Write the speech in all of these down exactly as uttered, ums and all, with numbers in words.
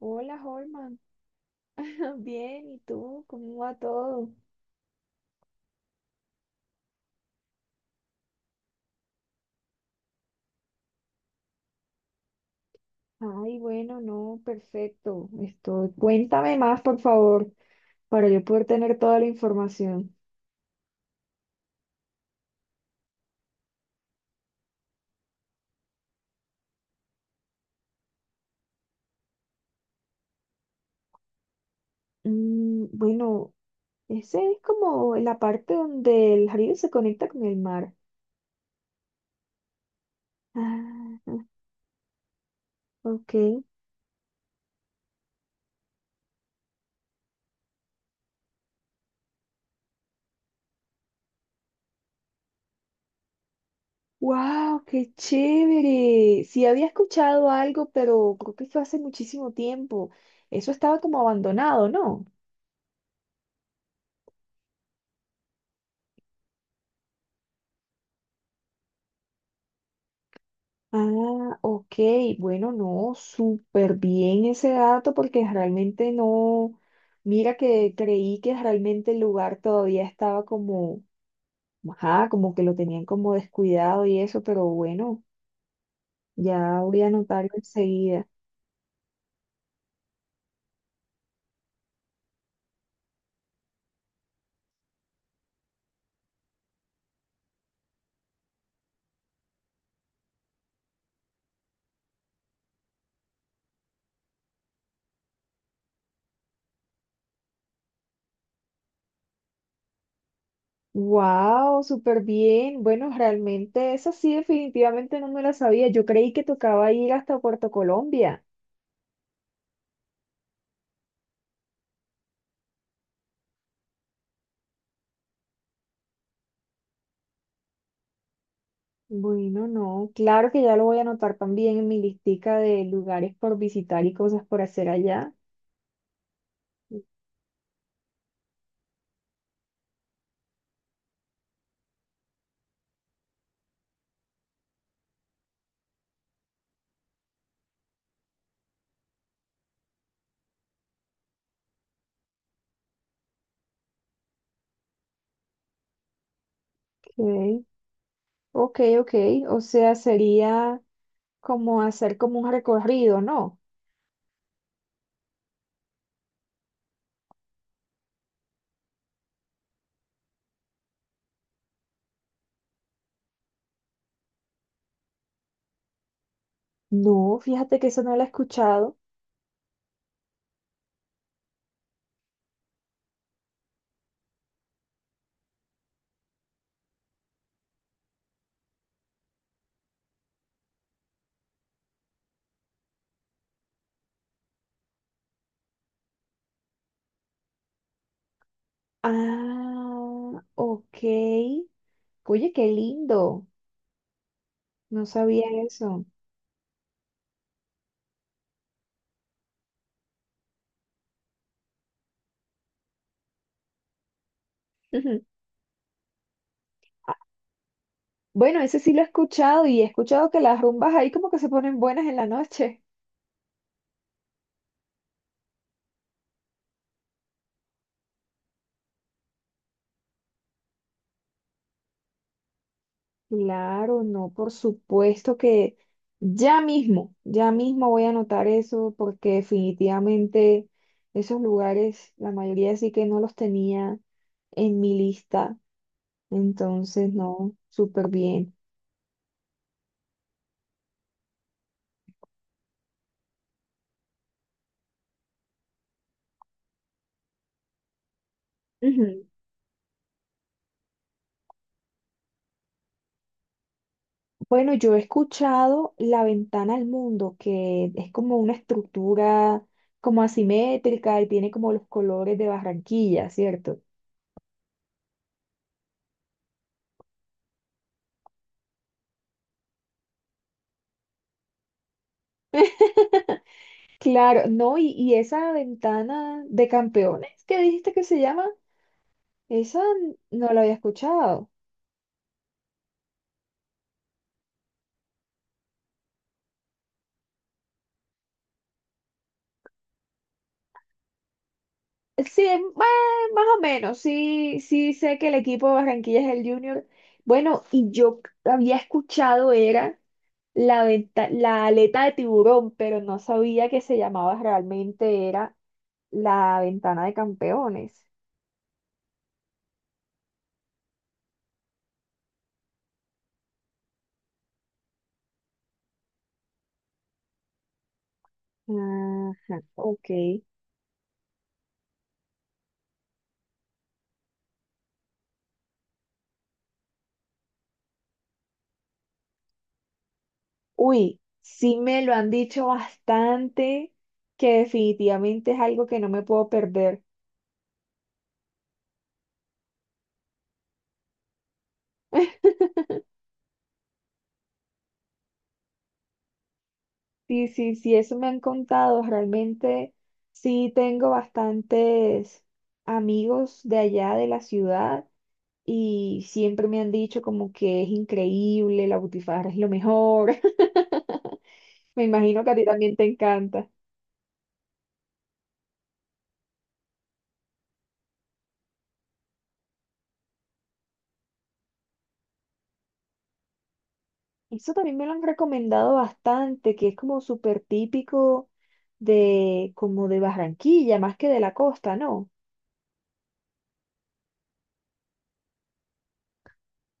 Hola, Holman. Bien, ¿y tú? ¿Cómo va todo? Ay, bueno, no, perfecto. Estoy... Cuéntame más, por favor, para yo poder tener toda la información. Mm, bueno, ese es como la parte donde el río se conecta con el mar. Ah, ok. ¡Wow! ¡Qué chévere! Sí había escuchado algo, pero creo que fue hace muchísimo tiempo. Eso estaba como abandonado, ¿no? Ah, ok, bueno, no, súper bien ese dato porque realmente no, mira que creí que realmente el lugar todavía estaba como, ajá, como que lo tenían como descuidado y eso, pero bueno, ya voy a anotarlo enseguida. Wow, súper bien. Bueno, realmente esa sí definitivamente no me la sabía. Yo creí que tocaba ir hasta Puerto Colombia. Bueno, no, claro que ya lo voy a anotar también en mi listica de lugares por visitar y cosas por hacer allá. Ok, ok, ok. O sea, sería como hacer como un recorrido, ¿no? No, fíjate que eso no lo he escuchado. Ah, ok. Oye, qué lindo. No sabía eso. Bueno, ese sí lo he escuchado y he escuchado que las rumbas ahí como que se ponen buenas en la noche. Claro, no, por supuesto que ya mismo, ya mismo voy a anotar eso porque definitivamente esos lugares, la mayoría sí que no los tenía en mi lista. Entonces, no, súper bien. Ujú. Bueno, yo he escuchado La Ventana al Mundo, que es como una estructura como asimétrica y tiene como los colores de Barranquilla, ¿cierto? Claro, no, y, y esa ventana de campeones que dijiste que se llama, esa n- no la había escuchado. Sí, eh, bueno, más o menos, sí, sí sé que el equipo de Barranquilla es el Junior. Bueno, y yo c- había escuchado era la venta- la aleta de tiburón, pero no sabía que se llamaba realmente era la ventana de campeones. Ajá, ok. Uy, sí me lo han dicho bastante, que definitivamente es algo que no me puedo perder. Sí, sí, sí, eso me han contado. Realmente sí tengo bastantes amigos de allá de la ciudad y siempre me han dicho como que es increíble, la Butifarra es lo mejor. Me imagino que a ti también te encanta. Eso también me lo han recomendado bastante, que es como súper típico de como de Barranquilla, más que de la costa, ¿no?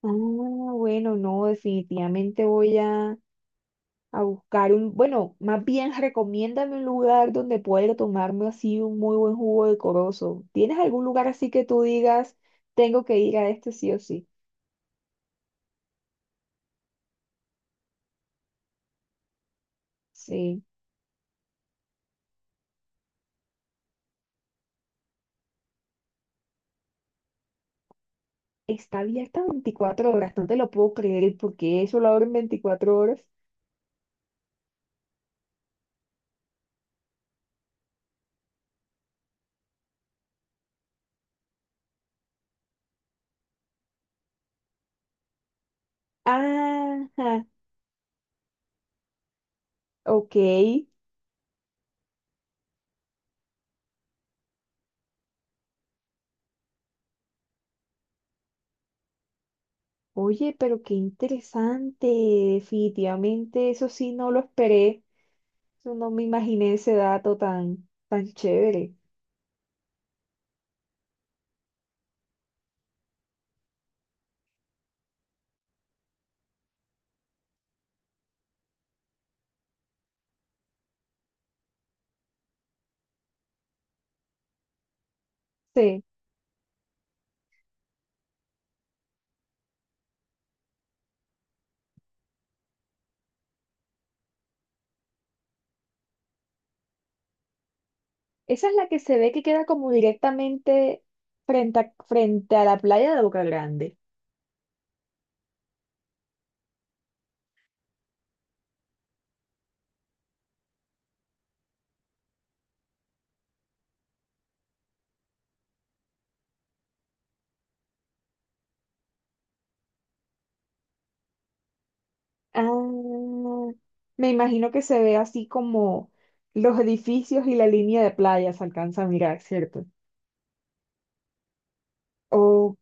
Ah, bueno, no, definitivamente voy a, a buscar un, bueno, más bien recomiéndame un lugar donde pueda tomarme así un muy buen jugo de corozo. ¿Tienes algún lugar así que tú digas, tengo que ir a este sí o sí? Sí, está abierta veinticuatro horas, no te lo puedo creer, ¿porque eso lo abren veinticuatro horas? Ajá, ok. Oye, pero qué interesante, definitivamente eso sí no lo esperé. Yo no me imaginé ese dato tan, tan chévere. Sí, esa es la que se ve que queda como directamente frente a, frente a la playa de Boca Grande. Ah, me imagino que se ve así como los edificios y la línea de playa se alcanza a mirar, ¿cierto? Ok,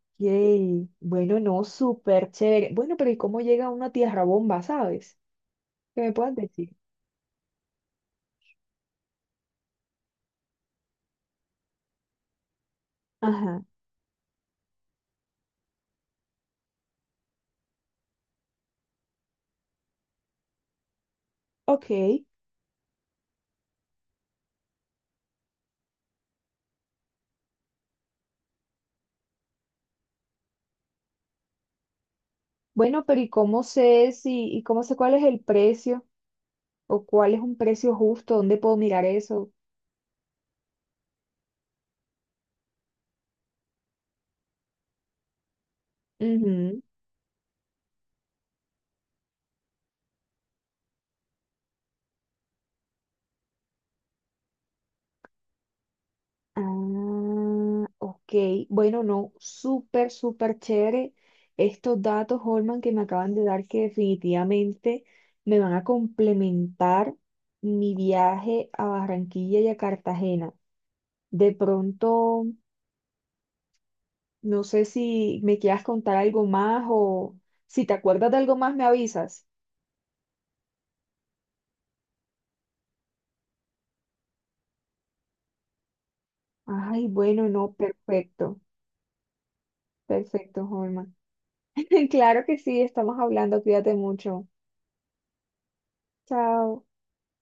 bueno, no, súper chévere. Bueno, ¿pero y cómo llega uno a Tierra Bomba, sabes? ¿Qué me puedes decir? Ajá, ok. Bueno, ¿pero y cómo sé si, y cómo sé cuál es el precio o cuál es un precio justo? ¿Dónde puedo mirar eso? Ujú. Ah, ok. Bueno, no, súper, súper chévere estos datos, Holman, que me acaban de dar que definitivamente me van a complementar mi viaje a Barranquilla y a Cartagena. De pronto, no sé si me quieras contar algo más o si te acuerdas de algo más, me avisas. Ay, bueno, no, perfecto, perfecto, Holman. Claro que sí, estamos hablando, cuídate mucho. Chao.